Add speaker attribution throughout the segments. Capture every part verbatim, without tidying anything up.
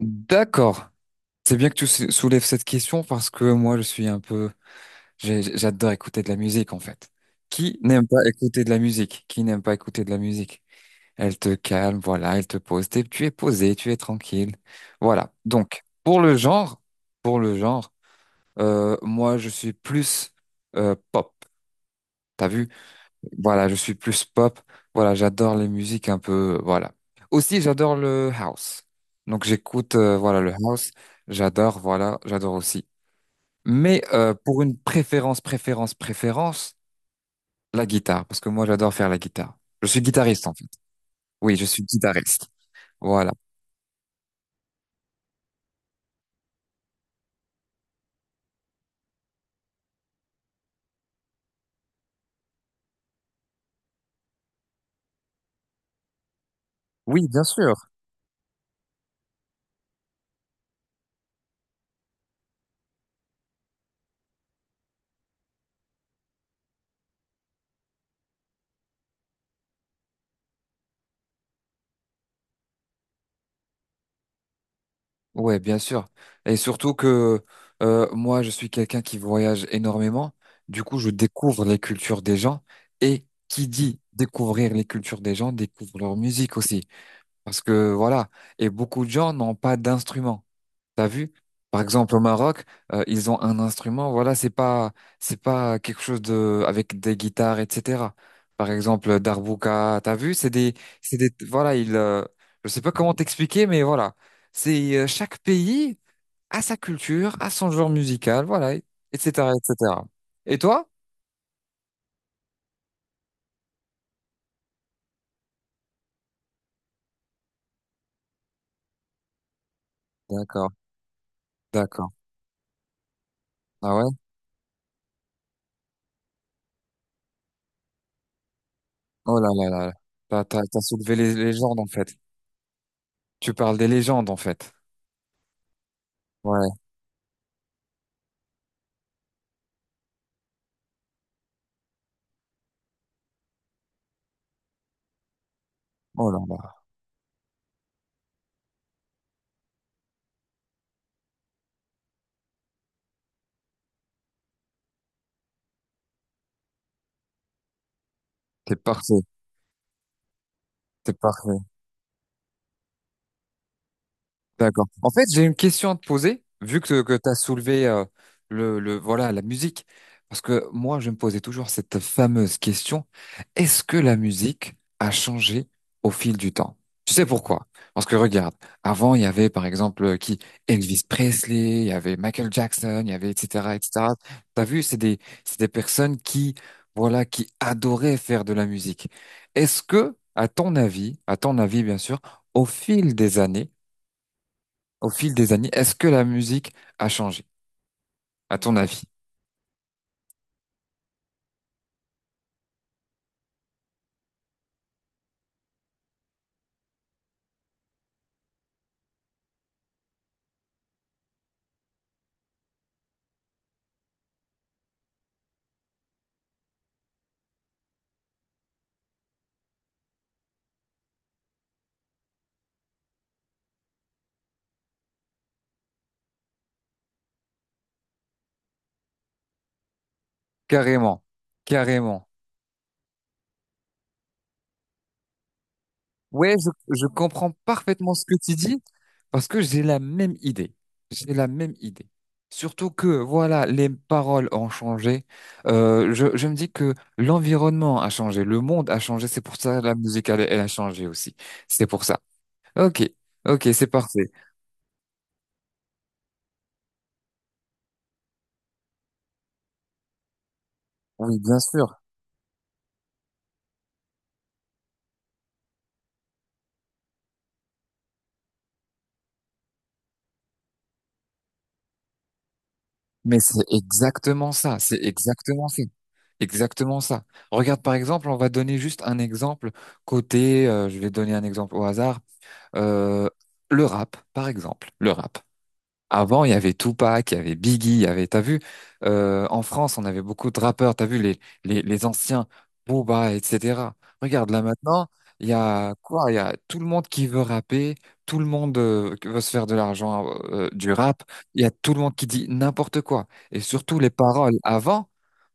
Speaker 1: D'accord. C'est bien que tu sou- soulèves cette question parce que moi, je suis un peu, j'ai- j'adore écouter de la musique, en fait. Qui n'aime pas écouter de la musique? Qui n'aime pas écouter de la musique? Elle te calme, voilà, elle te pose. T'es- tu es posé, tu es tranquille. Voilà. Donc, pour le genre, pour le genre, euh, moi, je suis plus euh, pop. T'as vu? Voilà, je suis plus pop. Voilà, j'adore les musiques un peu. Voilà. Aussi, j'adore le house. Donc, j'écoute, euh, voilà, le house. J'adore, voilà, j'adore aussi. Mais euh, pour une préférence, préférence, préférence, la guitare, parce que moi, j'adore faire la guitare. Je suis guitariste, en fait. Oui, je suis guitariste. Voilà. Oui, bien sûr. Ouais, bien sûr. Et surtout que euh, moi, je suis quelqu'un qui voyage énormément. Du coup, je découvre les cultures des gens. Et qui dit découvrir les cultures des gens, découvre leur musique aussi. Parce que voilà. Et beaucoup de gens n'ont pas d'instruments. T'as vu? Par exemple, au Maroc, euh, ils ont un instrument. Voilà, c'est pas, c'est pas quelque chose de avec des guitares, et cetera. Par exemple, Darbouka. T'as vu? C'est des, c'est des. Voilà, il. Euh, je sais pas comment t'expliquer, mais voilà. C'est euh, chaque pays a sa culture, a son genre musical. Voilà, et- etc., et cetera. Et toi? D'accord, d'accord. Ah ouais? Oh là là là. Là. T'as, t'as, t'as soulevé les légendes en fait. Tu parles des légendes en fait. Ouais. Oh là là. T'es parfait. T'es parfait. D'accord. En fait, j'ai une question à te poser, vu que, que tu as soulevé euh, le, le, voilà, la musique. Parce que moi, je me posais toujours cette fameuse question, est-ce que la musique a changé au fil du temps? Tu sais pourquoi? Parce que regarde, avant, il y avait par exemple euh, qui? Elvis Presley, il y avait Michael Jackson, il y avait et cetera et cetera. T'as vu, c'est des, c'est des personnes qui, voilà, qui adoraient faire de la musique. Est-ce que, à ton avis, à ton avis, bien sûr, au fil des années, au fil des années, est-ce que la musique a changé, à ton avis? Carrément, carrément. Ouais, je, je comprends parfaitement ce que tu dis parce que j'ai la même idée. J'ai la même idée. Surtout que, voilà, les paroles ont changé. Euh, je, je me dis que l'environnement a changé, le monde a changé. C'est pour ça que la musique, elle, elle a changé aussi. C'est pour ça. Ok, ok, c'est parfait. Oui, bien sûr. Mais c'est exactement ça, c'est exactement ça, exactement ça. Regarde par exemple, on va donner juste un exemple côté, euh, je vais donner un exemple au hasard, euh, le rap par exemple, le rap. Avant, il y avait Tupac, il y avait Biggie, il y avait, t'as vu, euh, en France, on avait beaucoup de rappeurs, t'as vu les les les anciens Booba, et cetera. Regarde là maintenant, il y a quoi? Il y a tout le monde qui veut rapper, tout le monde euh, qui veut se faire de l'argent euh, du rap. Il y a tout le monde qui dit n'importe quoi. Et surtout les paroles avant,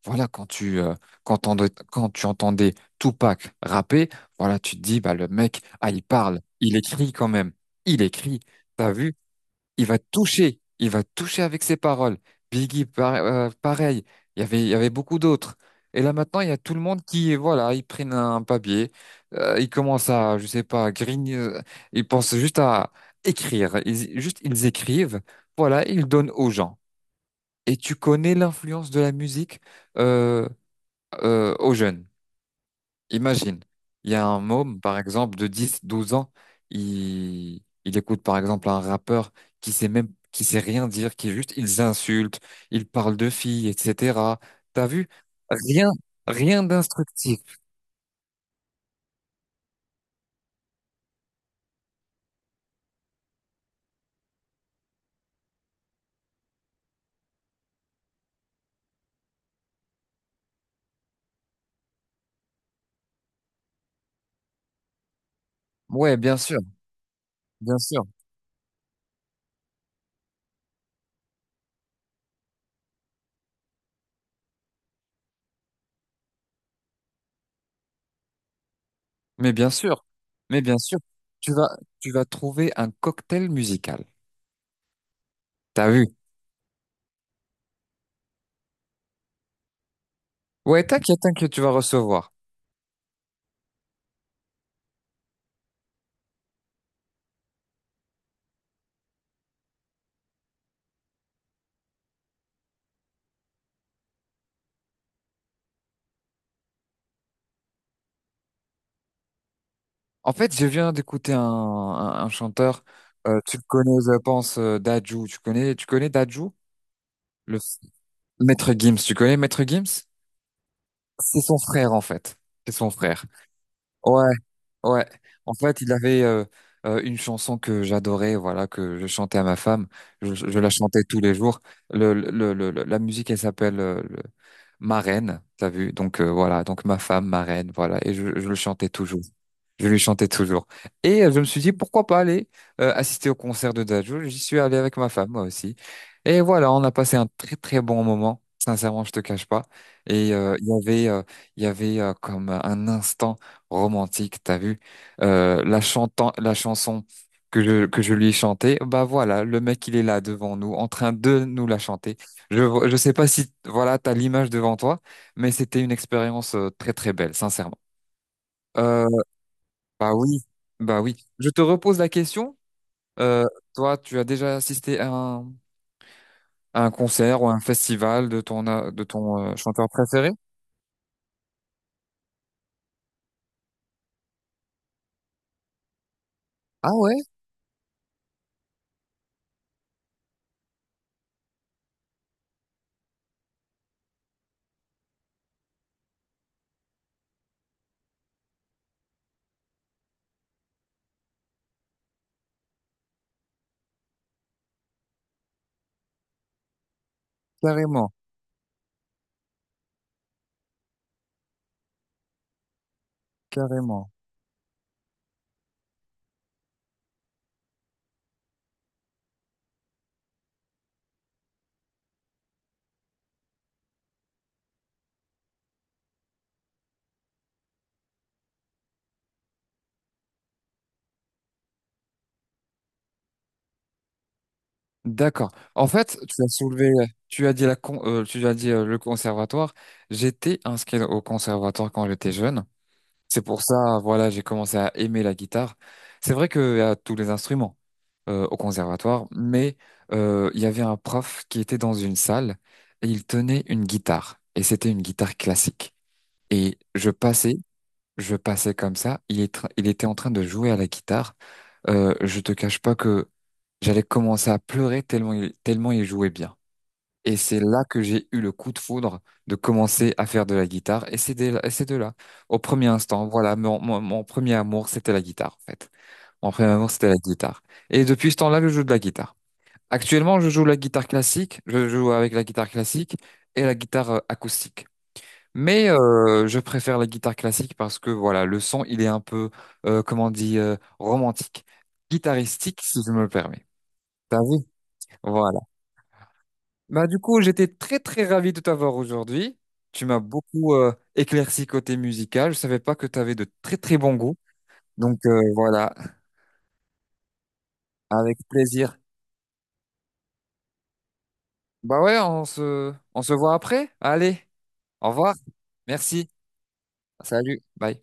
Speaker 1: voilà quand tu euh, quand t'entendais- quand tu entendais Tupac rapper, voilà tu te dis bah le mec, ah il parle, il écrit quand même, il écrit. T'as vu? Il va toucher, il va toucher avec ses paroles. Biggie, par- euh, pareil, il y avait, il y avait beaucoup d'autres. Et là maintenant, il y a tout le monde qui, voilà, ils prennent un papier, euh, ils commencent à, je sais pas, grigner, euh, ils pensent juste à écrire, ils, juste ils écrivent, voilà, ils donnent aux gens. Et tu connais l'influence de la musique euh, euh, aux jeunes. Imagine, il y a un môme, par exemple, de dix, douze ans, il, il écoute, par exemple, un rappeur qui sait même, qui sait rien dire, qui juste, ils insultent, ils parlent de filles, et cetera. T'as vu? Rien, rien d'instructif. Ouais, bien sûr, bien sûr. Mais bien sûr, mais bien sûr, tu vas, tu vas trouver un cocktail musical. T'as vu? Ouais, t'inquiète, t'inquiète, tu vas recevoir. En fait, je viens d'écouter un, un, un chanteur, euh, tu le connais, je pense, euh, Dadju. Tu connais, tu connais Dadju? Le Maître Gims, tu connais Maître Gims? C'est son frère, en fait. C'est son frère. Ouais, ouais. En fait, il avait euh, euh, une chanson que j'adorais, voilà, que je chantais à ma femme. Je, je la chantais tous les jours. Le, le, le- le- la musique, elle s'appelle euh, le- Ma Reine, t'as vu? Donc euh, voilà, donc ma femme, ma reine, voilà. Et je, je le chantais toujours. Je lui chantais toujours. Et euh, je me suis dit, pourquoi pas aller euh, assister au concert de Dajo. J'y suis allé avec ma femme, moi aussi. Et voilà, on a passé un très très bon moment. Sincèrement, je te cache pas. Et euh, il y avait, euh, il y avait euh, comme un instant romantique, t'as vu? Euh, la chantant, la chanson que je, que je lui ai chantée, bah voilà, le mec, il est là devant nous, en train de nous la chanter. Je, vo- je sais pas si, voilà, t'as l'image devant toi, mais c'était une expérience euh, très très belle, sincèrement. Euh, Bah oui, bah oui. Je te repose la question. Euh, Toi, tu as déjà assisté à un, à un concert ou à un festival de ton, euh, de ton euh, chanteur préféré? Ah ouais, carrément, carrément. D'accord. En fait, tu as soulevé, tu as dit la, con- euh, tu as dit euh, le conservatoire. J'étais inscrit au conservatoire quand j'étais jeune. C'est pour ça, voilà, j'ai commencé à aimer la guitare. C'est vrai qu'il y a tous les instruments euh, au conservatoire, mais euh, il y avait un prof qui était dans une salle et il tenait une guitare. Et c'était une guitare classique. Et je passais, je passais comme ça. Il est tra- il était en train de jouer à la guitare. Euh, je te cache pas que j'allais commencer à pleurer tellement il, tellement il jouait bien. Et c'est là que j'ai eu le coup de foudre de commencer à faire de la guitare. Et c'est dès là, et c'est de là. Au premier instant, voilà, mon, mon, mon premier amour, c'était la guitare, en fait. Mon premier amour, c'était la guitare. Et depuis ce temps-là, je joue de la guitare. Actuellement, je joue la guitare classique, je joue avec la guitare classique et la guitare euh, acoustique. Mais euh, je préfère la guitare classique parce que voilà, le son, il est un peu, euh, comment on dit, euh, romantique, guitaristique, si je me le permets. T'as vu? Voilà. Bah, du coup, j'étais très, très ravi de t'avoir aujourd'hui. Tu m'as beaucoup euh, éclairci côté musical. Je savais pas que tu avais de très, très bons goûts. Donc euh, voilà, avec plaisir. Bah ouais, on se, on se voit après. Allez, au revoir. Merci. Salut, bye.